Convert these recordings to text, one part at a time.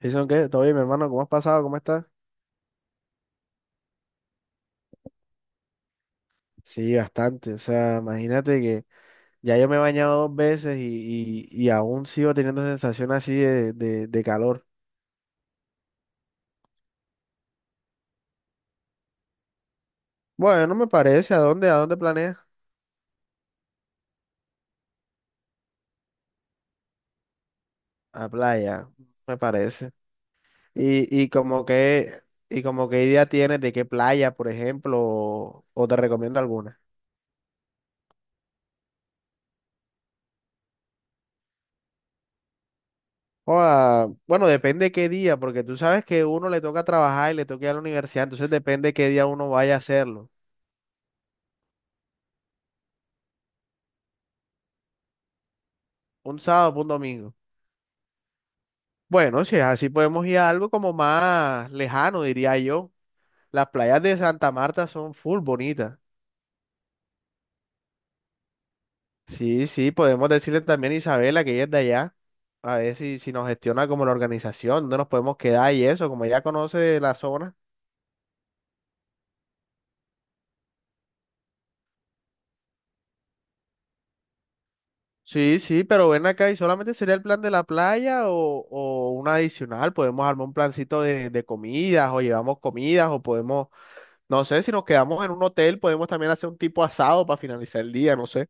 Jason, ¿qué? ¿Todo bien, mi hermano? ¿Cómo has pasado? ¿Cómo estás? Sí, bastante. O sea, imagínate que ya yo me he bañado dos veces y aún sigo teniendo sensación así de calor. Bueno, no me parece. ¿A dónde planeas? A playa, me parece. Y, y como que, y como qué idea tienes de qué playa, por ejemplo, o te recomiendo alguna. Bueno, depende qué día, porque tú sabes que uno le toca trabajar y le toca ir a la universidad, entonces depende qué día uno vaya a hacerlo. Un sábado, o un domingo. Bueno, si es así, podemos ir a algo como más lejano, diría yo. Las playas de Santa Marta son full bonitas. Sí, sí, podemos decirle también a Isabela que ella es de allá, a ver si nos gestiona como la organización, dónde nos podemos quedar y eso, como ella conoce la zona. Sí, sí, pero ven acá y solamente sería el plan de la playa o un adicional. Podemos armar un plancito de comidas o llevamos comidas o podemos, no sé, si nos quedamos en un hotel, podemos también hacer un tipo asado para finalizar el día, no sé.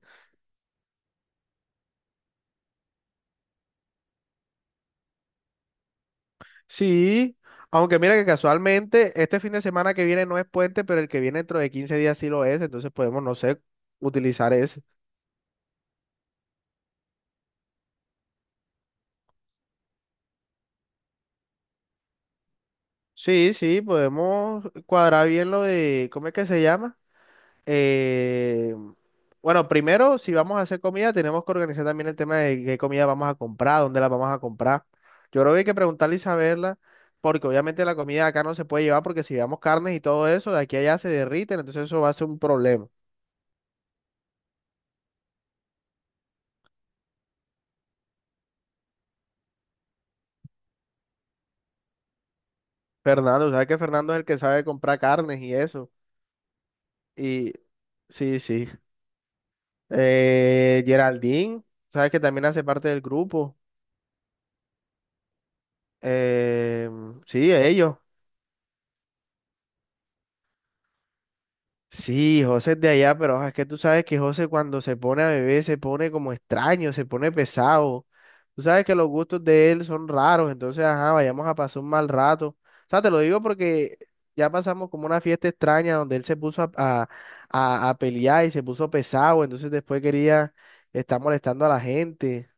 Sí, aunque mira que casualmente este fin de semana que viene no es puente, pero el que viene dentro de 15 días sí lo es, entonces podemos, no sé, utilizar ese. Sí, sí, podemos cuadrar bien lo de, ¿cómo es que se llama? Eh, bueno, primero, si vamos a hacer comida, tenemos que organizar también el tema de qué comida vamos a comprar, dónde la vamos a comprar. Yo creo que hay que preguntarle y saberla, porque obviamente la comida de acá no se puede llevar, porque si llevamos carnes y todo eso, de aquí a allá se derriten, entonces eso va a ser un problema. Fernando, ¿sabes que Fernando es el que sabe comprar carnes y eso? Y sí, sí. Geraldine, ¿sabes que también hace parte del grupo? Eh, sí, ellos. Sí, José es de allá, pero es que tú sabes que José cuando se pone a beber se pone como extraño, se pone pesado. Tú sabes que los gustos de él son raros, entonces, ajá, vayamos a pasar un mal rato. O sea, te lo digo porque ya pasamos como una fiesta extraña donde él se puso a pelear y se puso pesado, entonces después quería estar molestando a la gente.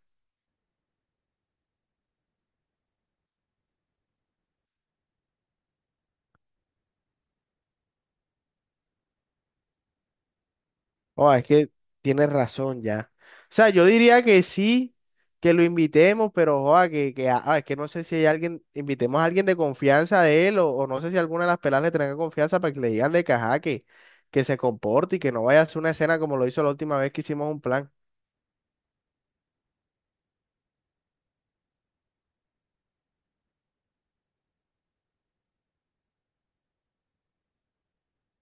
Oh, es que tienes razón ya. O sea, yo diría que sí, que lo invitemos, pero joa, que es que no sé si hay alguien, invitemos a alguien de confianza de él, o no sé si alguna de las pelas le tenga confianza para que le digan de caja que se comporte y que no vaya a hacer una escena como lo hizo la última vez que hicimos un plan.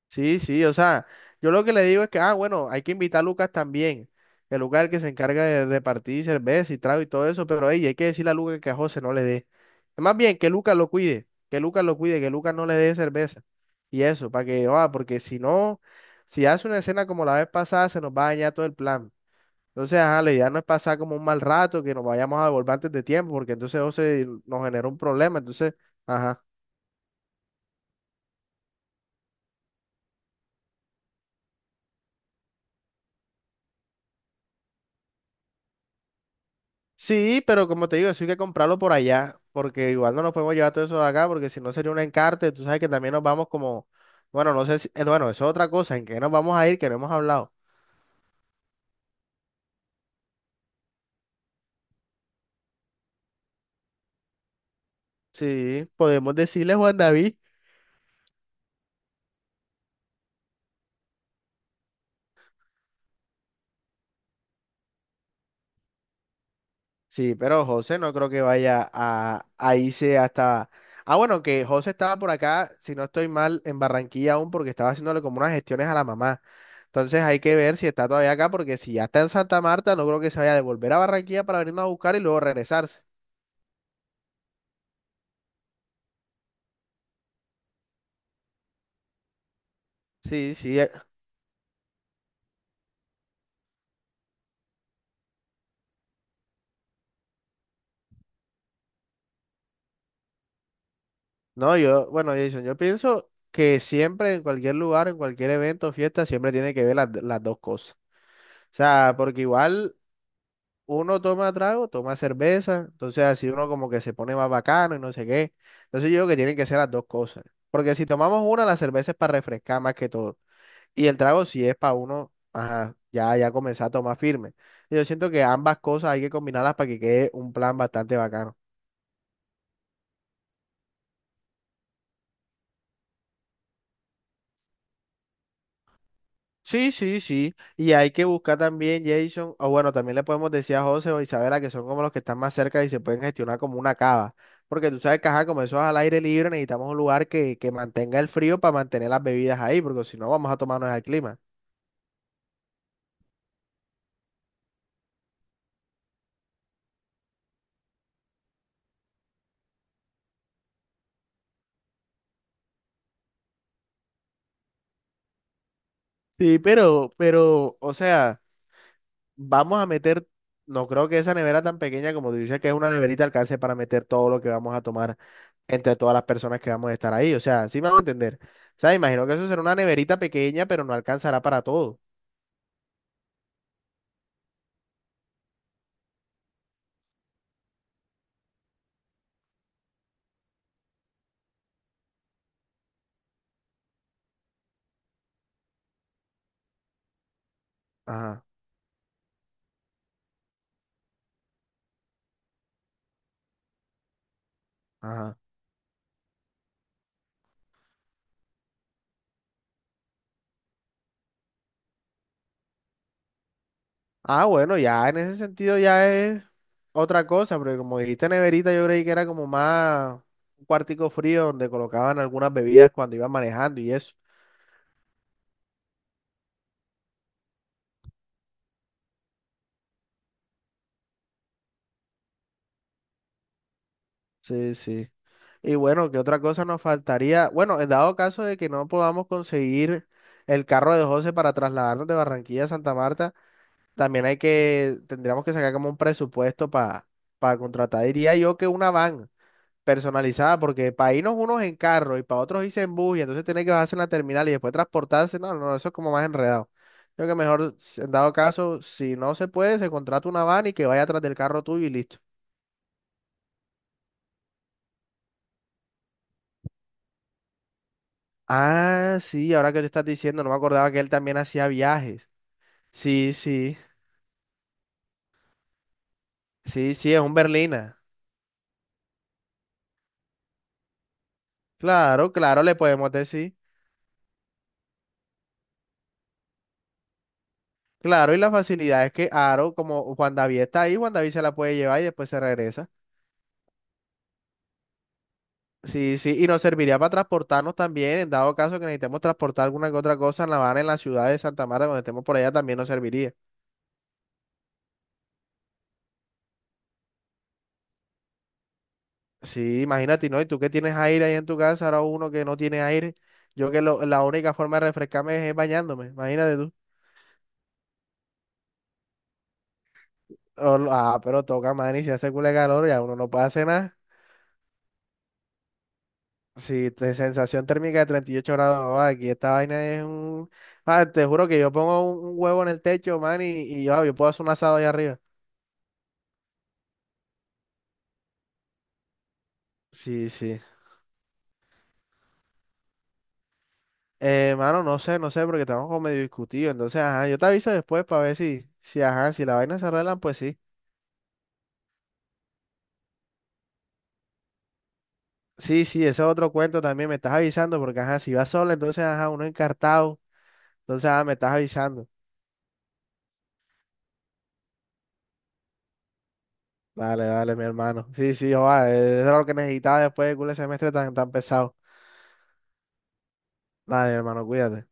Sí, sí, o sea, yo lo que le digo es que, bueno, hay que invitar a Lucas también. El Lucas es el que se encarga de repartir cerveza y trago y todo eso, pero ey, hay que decirle a Lucas que a José no le dé. Más bien, que Lucas lo cuide, que Lucas lo cuide, que Lucas no le dé cerveza. Y eso, para que, porque si no, si hace una escena como la vez pasada, se nos va a dañar todo el plan. Entonces, ajá, la idea no es pasar como un mal rato, que nos vayamos a devolver antes de tiempo, porque entonces José nos genera un problema, entonces, ajá. Sí, pero como te digo, eso hay que comprarlo por allá, porque igual no nos podemos llevar todo eso de acá, porque si no sería un encarte, tú sabes que también nos vamos como, bueno, no sé si, bueno, eso es otra cosa, en qué nos vamos a ir, que no hemos hablado. Sí, podemos decirle Juan David, sí, pero José no creo que vaya a irse hasta, bueno, que José estaba por acá, si no estoy mal, en Barranquilla aún, porque estaba haciéndole como unas gestiones a la mamá, entonces hay que ver si está todavía acá, porque si ya está en Santa Marta, no creo que se vaya a devolver a Barranquilla para venirnos a buscar y luego regresarse. Sí, sí. No, yo, bueno, Jason, yo pienso que siempre en cualquier lugar, en cualquier evento, fiesta, siempre tiene que ver las dos cosas. O sea, porque igual uno toma trago, toma cerveza, entonces así uno como que se pone más bacano y no sé qué. Entonces yo digo que tienen que ser las dos cosas. Porque si tomamos una, la cerveza es para refrescar más que todo. Y el trago sí es para uno, ajá, ya, ya comenzar a tomar firme. Y yo siento que ambas cosas hay que combinarlas para que quede un plan bastante bacano. Sí, sí, sí. Y hay que buscar también, Jason, o bueno, también le podemos decir a José o Isabela que son como los que están más cerca y se pueden gestionar como una cava. Porque tú sabes que, ajá, como eso es al aire libre, necesitamos un lugar que mantenga el frío para mantener las bebidas ahí, porque si no vamos a tomarnos el clima. Sí, pero, o sea, vamos a meter, no creo que esa nevera tan pequeña como tú dices que es una neverita alcance para meter todo lo que vamos a tomar entre todas las personas que vamos a estar ahí. O sea, sí me vamos a entender. O sea, imagino que eso será una neverita pequeña, pero no alcanzará para todo. Ajá, ajá. Ah, bueno, ya en ese sentido ya es otra cosa, porque como dijiste neverita, yo creí que era como más un cuartico frío donde colocaban algunas bebidas cuando iban manejando y eso. Sí, sí. Y bueno, ¿qué otra cosa nos faltaría? Bueno, en dado caso de que no podamos conseguir el carro de José para trasladarnos de Barranquilla a Santa Marta, también hay que, tendríamos que sacar como un presupuesto para contratar, diría yo que una van personalizada, porque para irnos unos en carro y para otros irse en bus, y entonces tiene que bajarse en la terminal y después transportarse, no, no, eso es como más enredado. Creo que mejor, en dado caso, si no se puede, se contrata una van y que vaya atrás del carro tuyo y listo. Ah, sí, ahora que te estás diciendo, no me acordaba que él también hacía viajes. Sí, sí, sí, sí, es un berlina. Claro, claro, le podemos decir. Claro, y la facilidad es que Aro, como Juan David está ahí, Juan David se la puede llevar y después se regresa. Sí, sí, y nos serviría para transportarnos también, en dado caso que necesitemos transportar alguna que otra cosa en La Habana, en la ciudad de Santa Marta, cuando estemos por allá también nos serviría. Sí, imagínate, ¿no? Y tú que tienes aire ahí en tu casa, ahora uno que no tiene aire, yo la única forma de refrescarme es, bañándome, imagínate tú. Pero toca, man, y si hace culo de calor, ya uno no puede hacer nada. Si te sensación térmica de 38 grados, aquí esta vaina es un... Ah, te juro que yo pongo un huevo en el techo, man, y yo puedo hacer un asado allá arriba. Sí, sí. Mano, no sé, no sé, porque estamos como medio discutidos. Entonces, ajá, yo te aviso después para ver si, si la vaina se arreglan, pues sí. Sí, sí, ese es otro cuento también, me estás avisando, porque ajá, si vas sola, entonces ajá, uno encartado. Entonces, ajá, me estás avisando. Dale, dale, mi hermano. Sí, sí, joa, eso era lo que necesitaba después de culo de semestre tan, tan pesado. Dale, hermano, cuídate.